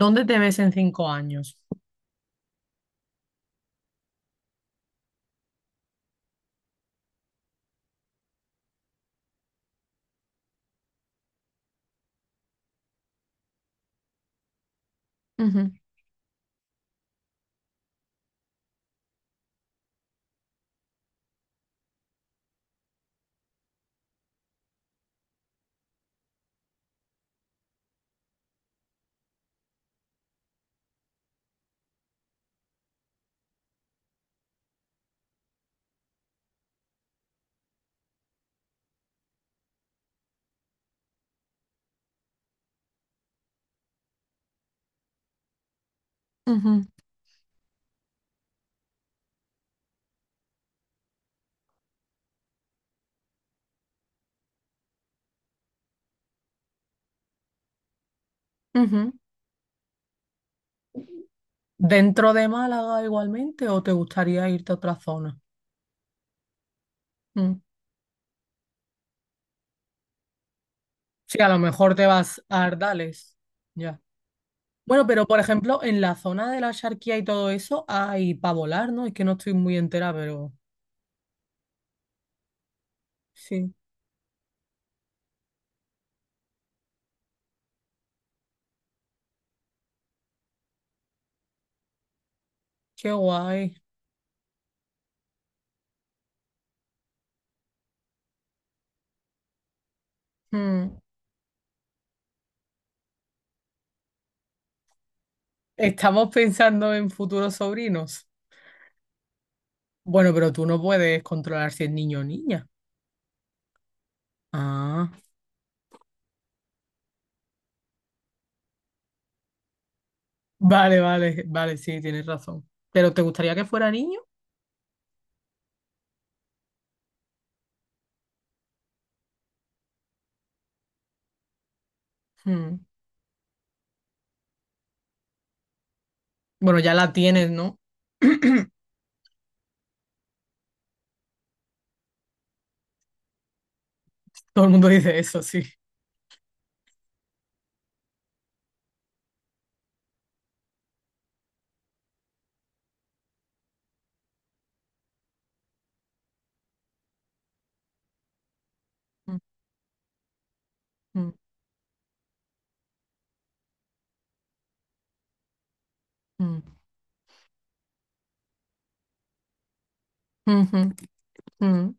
¿Dónde te ves en 5 años? Ujú, ujú, ujú. ¿Dentro de Málaga igualmente o te gustaría irte a otra zona? Mm. Sí, a lo mejor te vas a Ardales. Ya. Bueno, pero por ejemplo, en la zona de la Axarquía y todo eso hay para volar, ¿no? Es que no estoy muy entera, pero sí, qué guay. Mm. Estamos pensando en futuros sobrinos. Bueno, pero tú no puedes controlar si es niño o niña. Ah, vale, vale, vale, sí, tienes razón. ¿Pero te gustaría que fuera niño? Mm. Bueno, ya la tienes, ¿no? Todo el mundo dice eso, sí. Mm, mm, mm, mm, mm, mm.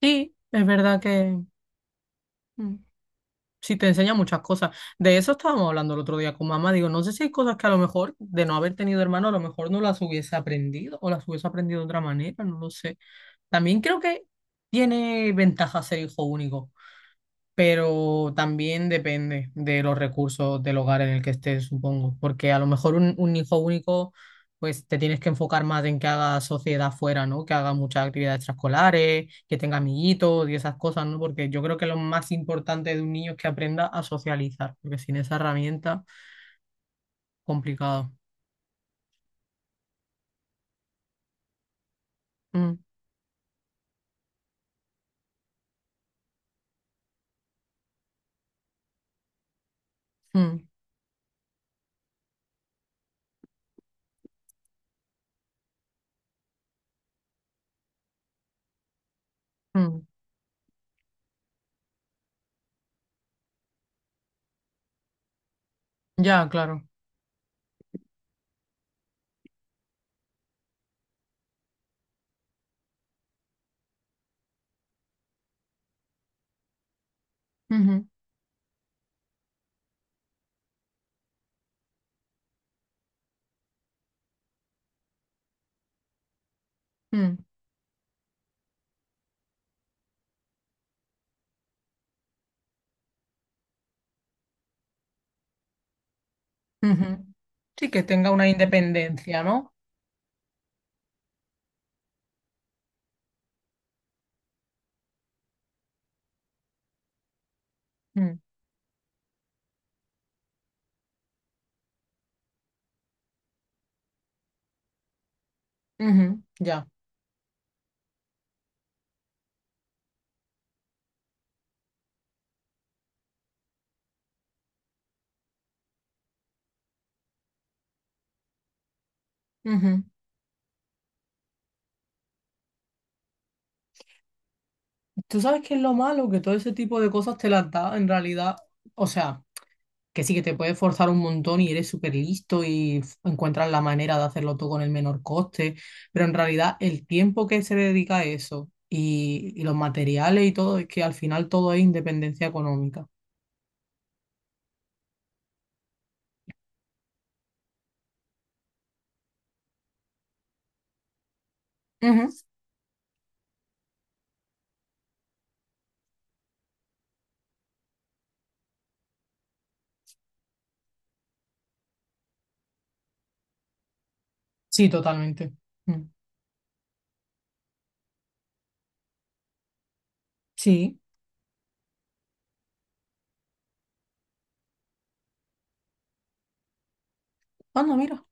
Sí, es verdad que mm, sí te enseña muchas cosas. De eso estábamos hablando el otro día con mamá. Digo, no sé si hay cosas que a lo mejor de no haber tenido hermano, a lo mejor no las hubiese aprendido o las hubiese aprendido de otra manera, no lo sé. También creo que tiene ventaja ser hijo único. Pero también depende de los recursos del hogar en el que estés, supongo, porque a lo mejor un hijo único, pues te tienes que enfocar más en que haga sociedad fuera, ¿no? Que haga muchas actividades extraescolares, que tenga amiguitos y esas cosas, ¿no? Porque yo creo que lo más importante de un niño es que aprenda a socializar, porque sin esa herramienta, complicado. Mm, mm, mm. Ya, claro. Ujú, mm, ujú. Sí, que tenga una independencia, ¿no? Mm, ujú, ya. Ujú. Tú sabes que es lo malo, que todo ese tipo de cosas te las da en realidad. O sea, que sí que te puedes forzar un montón y eres súper listo y encuentras la manera de hacerlo todo con el menor coste, pero en realidad el tiempo que se le dedica a eso y los materiales y todo, es que al final todo es independencia económica. Ujú. Sí, totalmente. Mm. Sí. Anda, mira.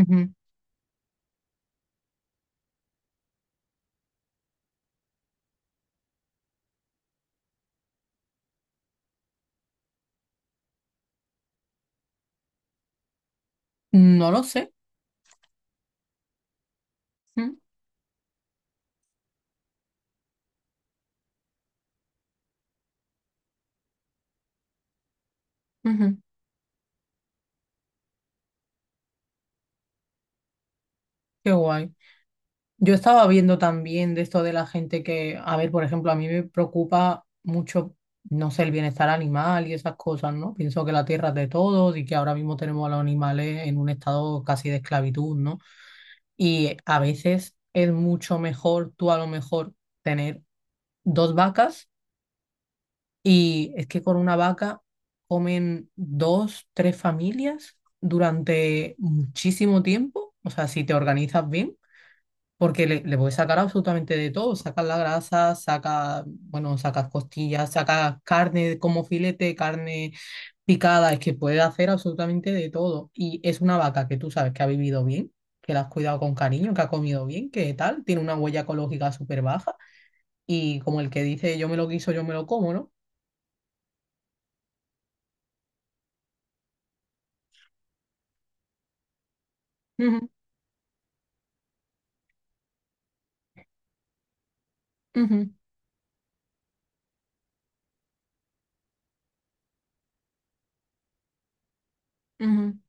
Ujú. No lo sé. Mm. Ujú. Qué guay. Yo estaba viendo también de esto de la gente que, a ver, por ejemplo, a mí me preocupa mucho, no sé, el bienestar animal y esas cosas, ¿no? Pienso que la tierra es de todos y que ahora mismo tenemos a los animales en un estado casi de esclavitud, ¿no? Y a veces es mucho mejor tú a lo mejor tener dos vacas, y es que con una vaca comen dos, tres familias durante muchísimo tiempo, o sea, si te organizas bien, porque le puedes sacar absolutamente de todo, sacas la grasa, bueno, sacas costillas, sacas carne como filete, carne picada, es que puedes hacer absolutamente de todo. Y es una vaca que tú sabes que ha vivido bien, que la has cuidado con cariño, que ha comido bien, que tal, tiene una huella ecológica súper baja. Y como el que dice, yo me lo quiso, yo me lo como, ¿no? Ujú, ujú, ujú,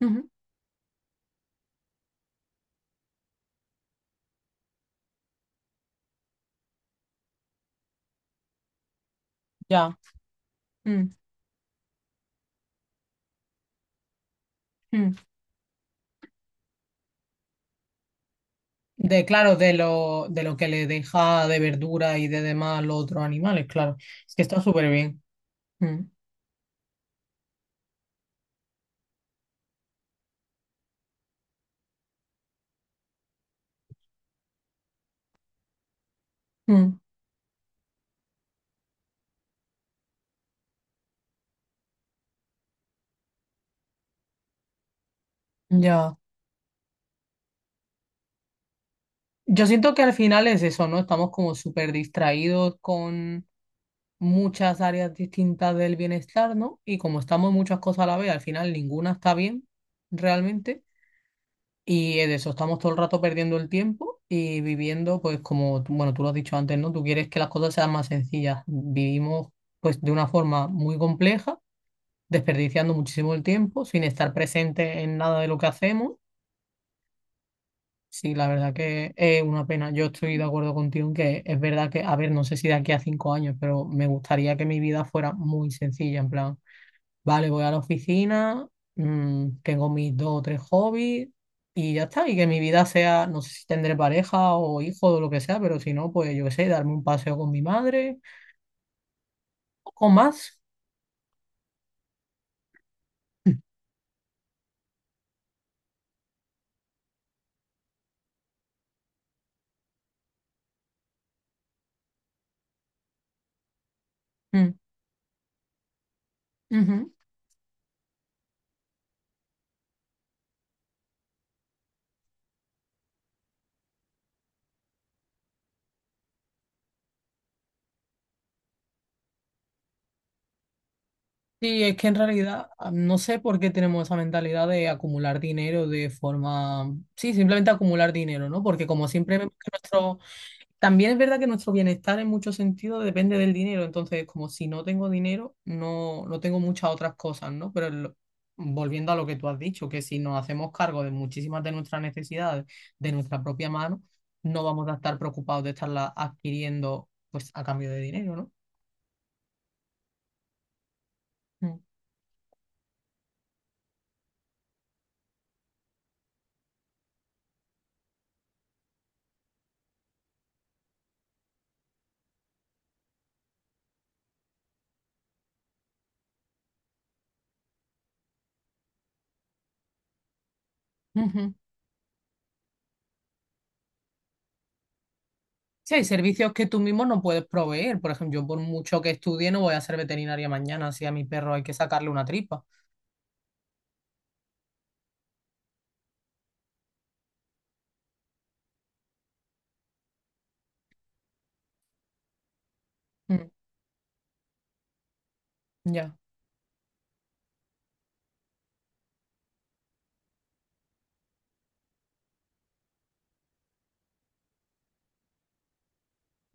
ujú. Ya. Mm, mm. Claro, de lo, que le deja de verdura y de demás los otros animales, claro. Es que está súper bien. Mm, mm, ya. Yo siento que al final es eso, ¿no? Estamos como súper distraídos con muchas áreas distintas del bienestar, ¿no? Y como estamos en muchas cosas a la vez, al final ninguna está bien realmente. Y es eso, estamos todo el rato perdiendo el tiempo y viviendo, pues como, bueno, tú lo has dicho antes, ¿no? Tú quieres que las cosas sean más sencillas. Vivimos, pues, de una forma muy compleja, desperdiciando muchísimo el tiempo, sin estar presente en nada de lo que hacemos. Sí, la verdad que es una pena. Yo estoy de acuerdo contigo en que es verdad que, a ver, no sé si de aquí a 5 años, pero me gustaría que mi vida fuera muy sencilla, en plan, vale, voy a la oficina, tengo mis dos o tres hobbies y ya está, y que mi vida sea, no sé si tendré pareja o hijo o lo que sea, pero si no, pues yo qué sé, darme un paseo con mi madre o con más. Mm, ujú. Sí, es que en realidad, ah, no sé por qué tenemos esa mentalidad de acumular dinero, de forma, sí, simplemente acumular dinero, ¿no? Porque como siempre vemos que nuestro, también es verdad que nuestro bienestar en muchos sentidos depende del dinero, entonces como si no tengo dinero, no, no tengo muchas otras cosas, ¿no? Pero volviendo a lo que tú has dicho, que si nos hacemos cargo de muchísimas de nuestras necesidades de nuestra propia mano, no vamos a estar preocupados de estarlas adquiriendo, pues, a cambio de dinero, ¿no? Mm. Sí, hay servicios que tú mismo no puedes proveer. Por ejemplo, yo por mucho que estudie no voy a ser veterinaria mañana si a mi perro hay que sacarle una tripa. Mm, ya.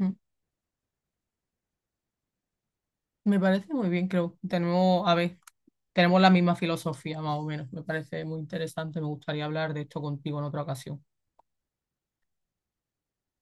Mm. Me parece muy bien, creo. A ver, tenemos la misma filosofía, más o menos. Me parece muy interesante. Me gustaría hablar de esto contigo en otra ocasión.